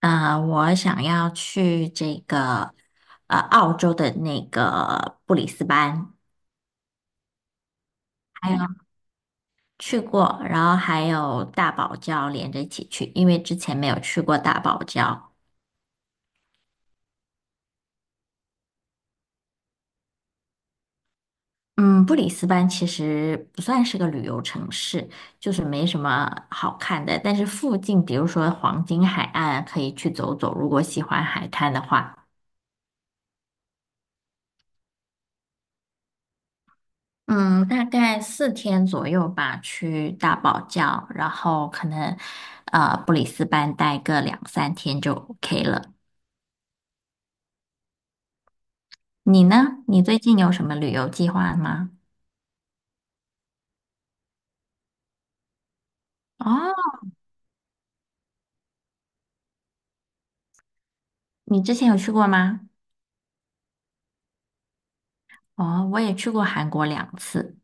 我想要去这个澳洲的那个布里斯班，还有去过，然后还有大堡礁连着一起去，因为之前没有去过大堡礁。嗯，布里斯班其实不算是个旅游城市，就是没什么好看的，但是附近比如说黄金海岸可以去走走，如果喜欢海滩的话。嗯，大概4天左右吧，去大堡礁，然后可能布里斯班待个两三天就 OK 了。你呢？你最近有什么旅游计划吗？哦，你之前有去过吗？哦，我也去过韩国两次，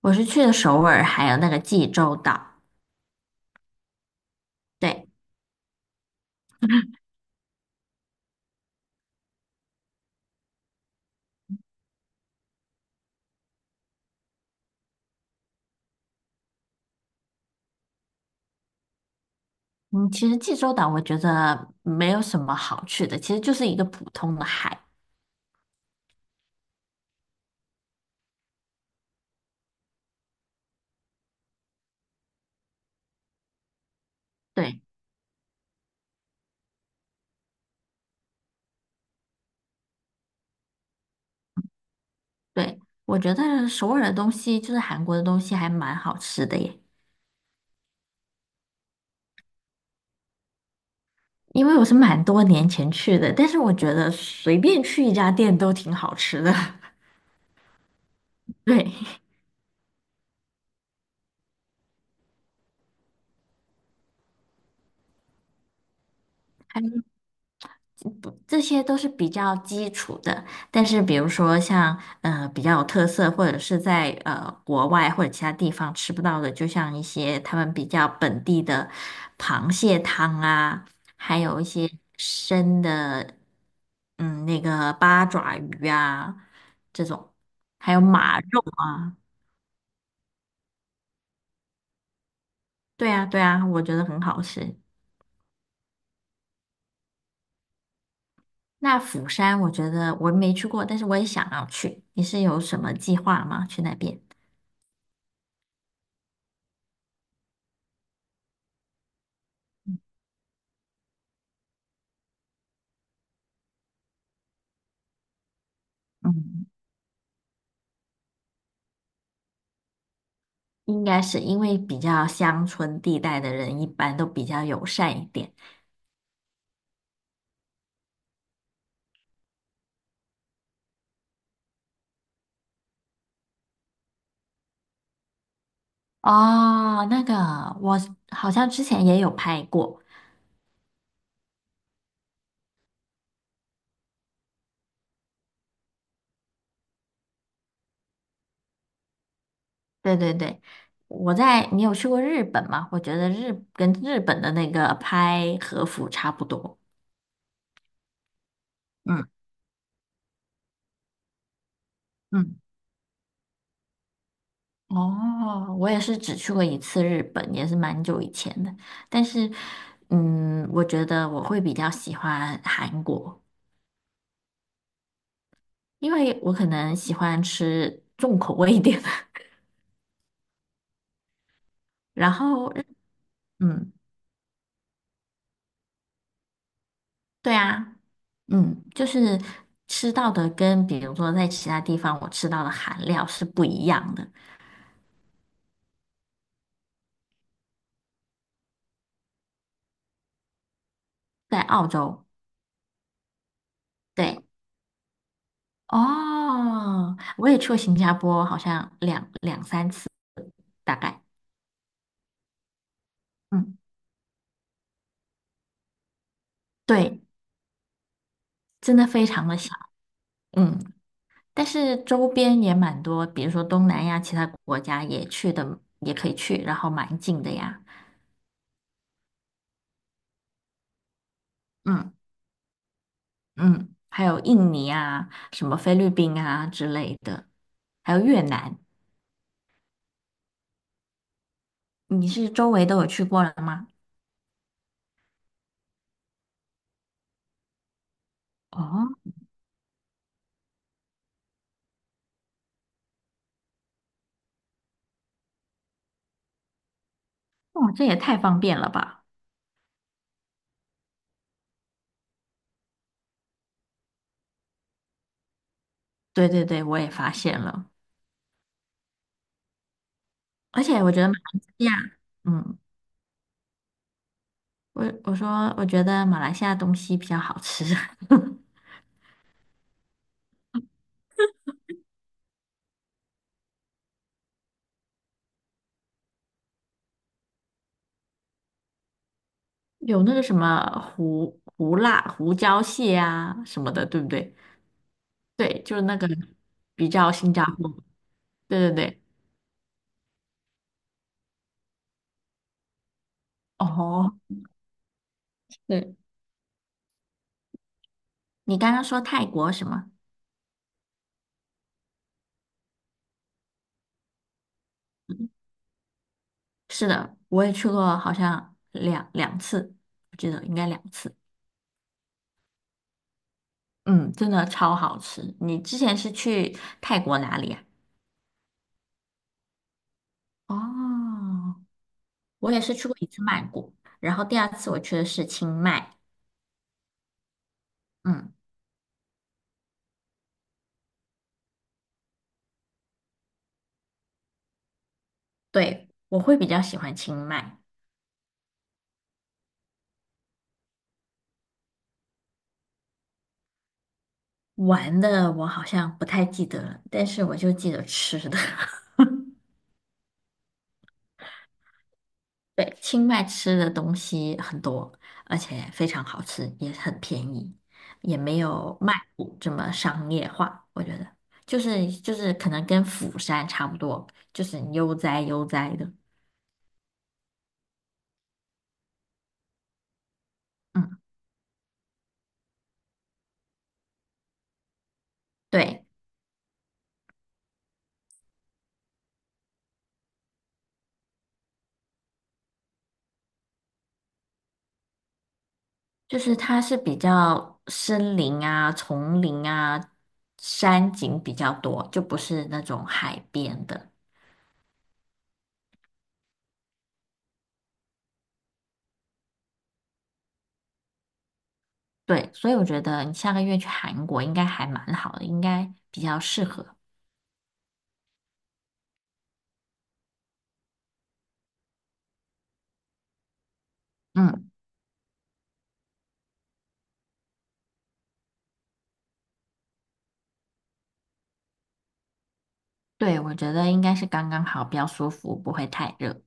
我是去的首尔，还有那个济州岛。对，嗯，其实济州岛我觉得没有什么好去的，其实就是一个普通的海。对对，我觉得首尔的东西就是韩国的东西还蛮好吃的耶。因为我是蛮多年前去的，但是我觉得随便去一家店都挺好吃的。对，还有不，这些都是比较基础的。但是比如说像比较有特色，或者是在国外或者其他地方吃不到的，就像一些他们比较本地的螃蟹汤啊，还有一些生的那个八爪鱼啊这种，还有马肉。对啊，对啊，我觉得很好吃。那釜山，我觉得我没去过，但是我也想要去。你是有什么计划吗？去那边？嗯，应该是因为比较乡村地带的人一般都比较友善一点。哦，那个我好像之前也有拍过，对对对，你有去过日本吗？我觉得日本的那个拍和服差不多。嗯嗯。哦，我也是只去过一次日本，也是蛮久以前的。但是，我觉得我会比较喜欢韩国，因为我可能喜欢吃重口味一点的。然后日嗯，对啊，就是吃到的跟比如说在其他地方我吃到的韩料是不一样的。在澳洲，对，哦，我也去过新加坡，好像两三次大概。嗯，对，真的非常的小。嗯。但是周边也蛮多，比如说东南亚其他国家也去的，也可以去，然后蛮近的呀。嗯嗯，还有印尼啊，什么菲律宾啊之类的，还有越南。你是周围都有去过了吗？哦，哦，这也太方便了吧！对对对，我也发现了，而且我觉得马来西亚，嗯，我我说我觉得马来西亚东西比较好吃，有那个什么胡椒蟹啊什么的，对不对？对，就是那个比较新加坡。对对对，哦，对，你刚刚说泰国什么？嗯是的，我也去过，好像两次，我记得应该两次。嗯，真的超好吃。你之前是去泰国哪里呀？哦，我也是去过一次曼谷，然后第二次我去的是清迈。嗯，对，我会比较喜欢清迈。玩的我好像不太记得了，但是我就记得吃的。对，清迈吃的东西很多，而且非常好吃，也很便宜，也没有曼谷这么商业化。我觉得，就是可能跟釜山差不多，就是悠哉悠哉的。嗯，对，就是它是比较森林啊、丛林啊、山景比较多，就不是那种海边的。对，所以我觉得你下个月去韩国应该还蛮好的，应该比较适合。嗯。对，我觉得应该是刚刚好，比较舒服，不会太热。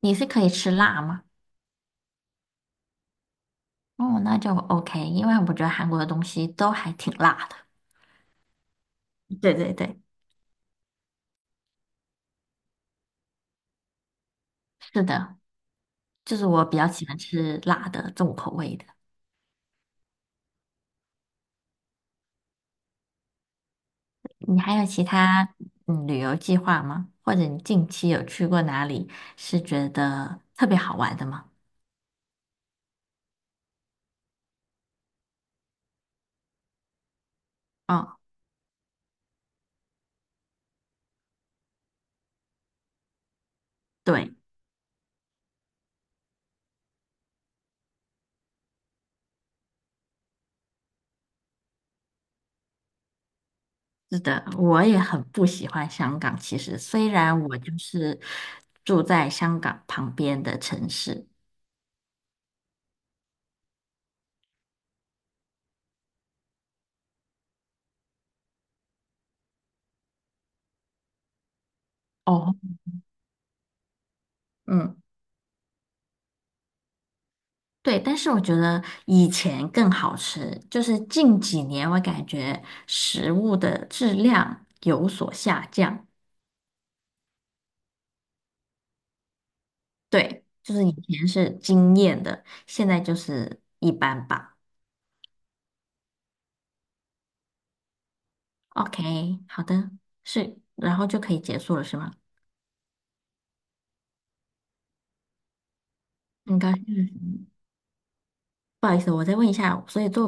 你是可以吃辣吗？哦，那就 OK，因为我觉得韩国的东西都还挺辣的。对对对，是的，就是我比较喜欢吃辣的重口味的。你还有其他旅游计划吗？或者你近期有去过哪里是觉得特别好玩的吗？哦，对，是的，我也很不喜欢香港。其实虽然我就是住在香港旁边的城市，哦，嗯。对，但是我觉得以前更好吃，就是近几年我感觉食物的质量有所下降。对，就是以前是惊艳的，现在就是一般吧。OK，好的，是，然后就可以结束了，是吗？很高兴认识你，不好意思，我再问一下，所以做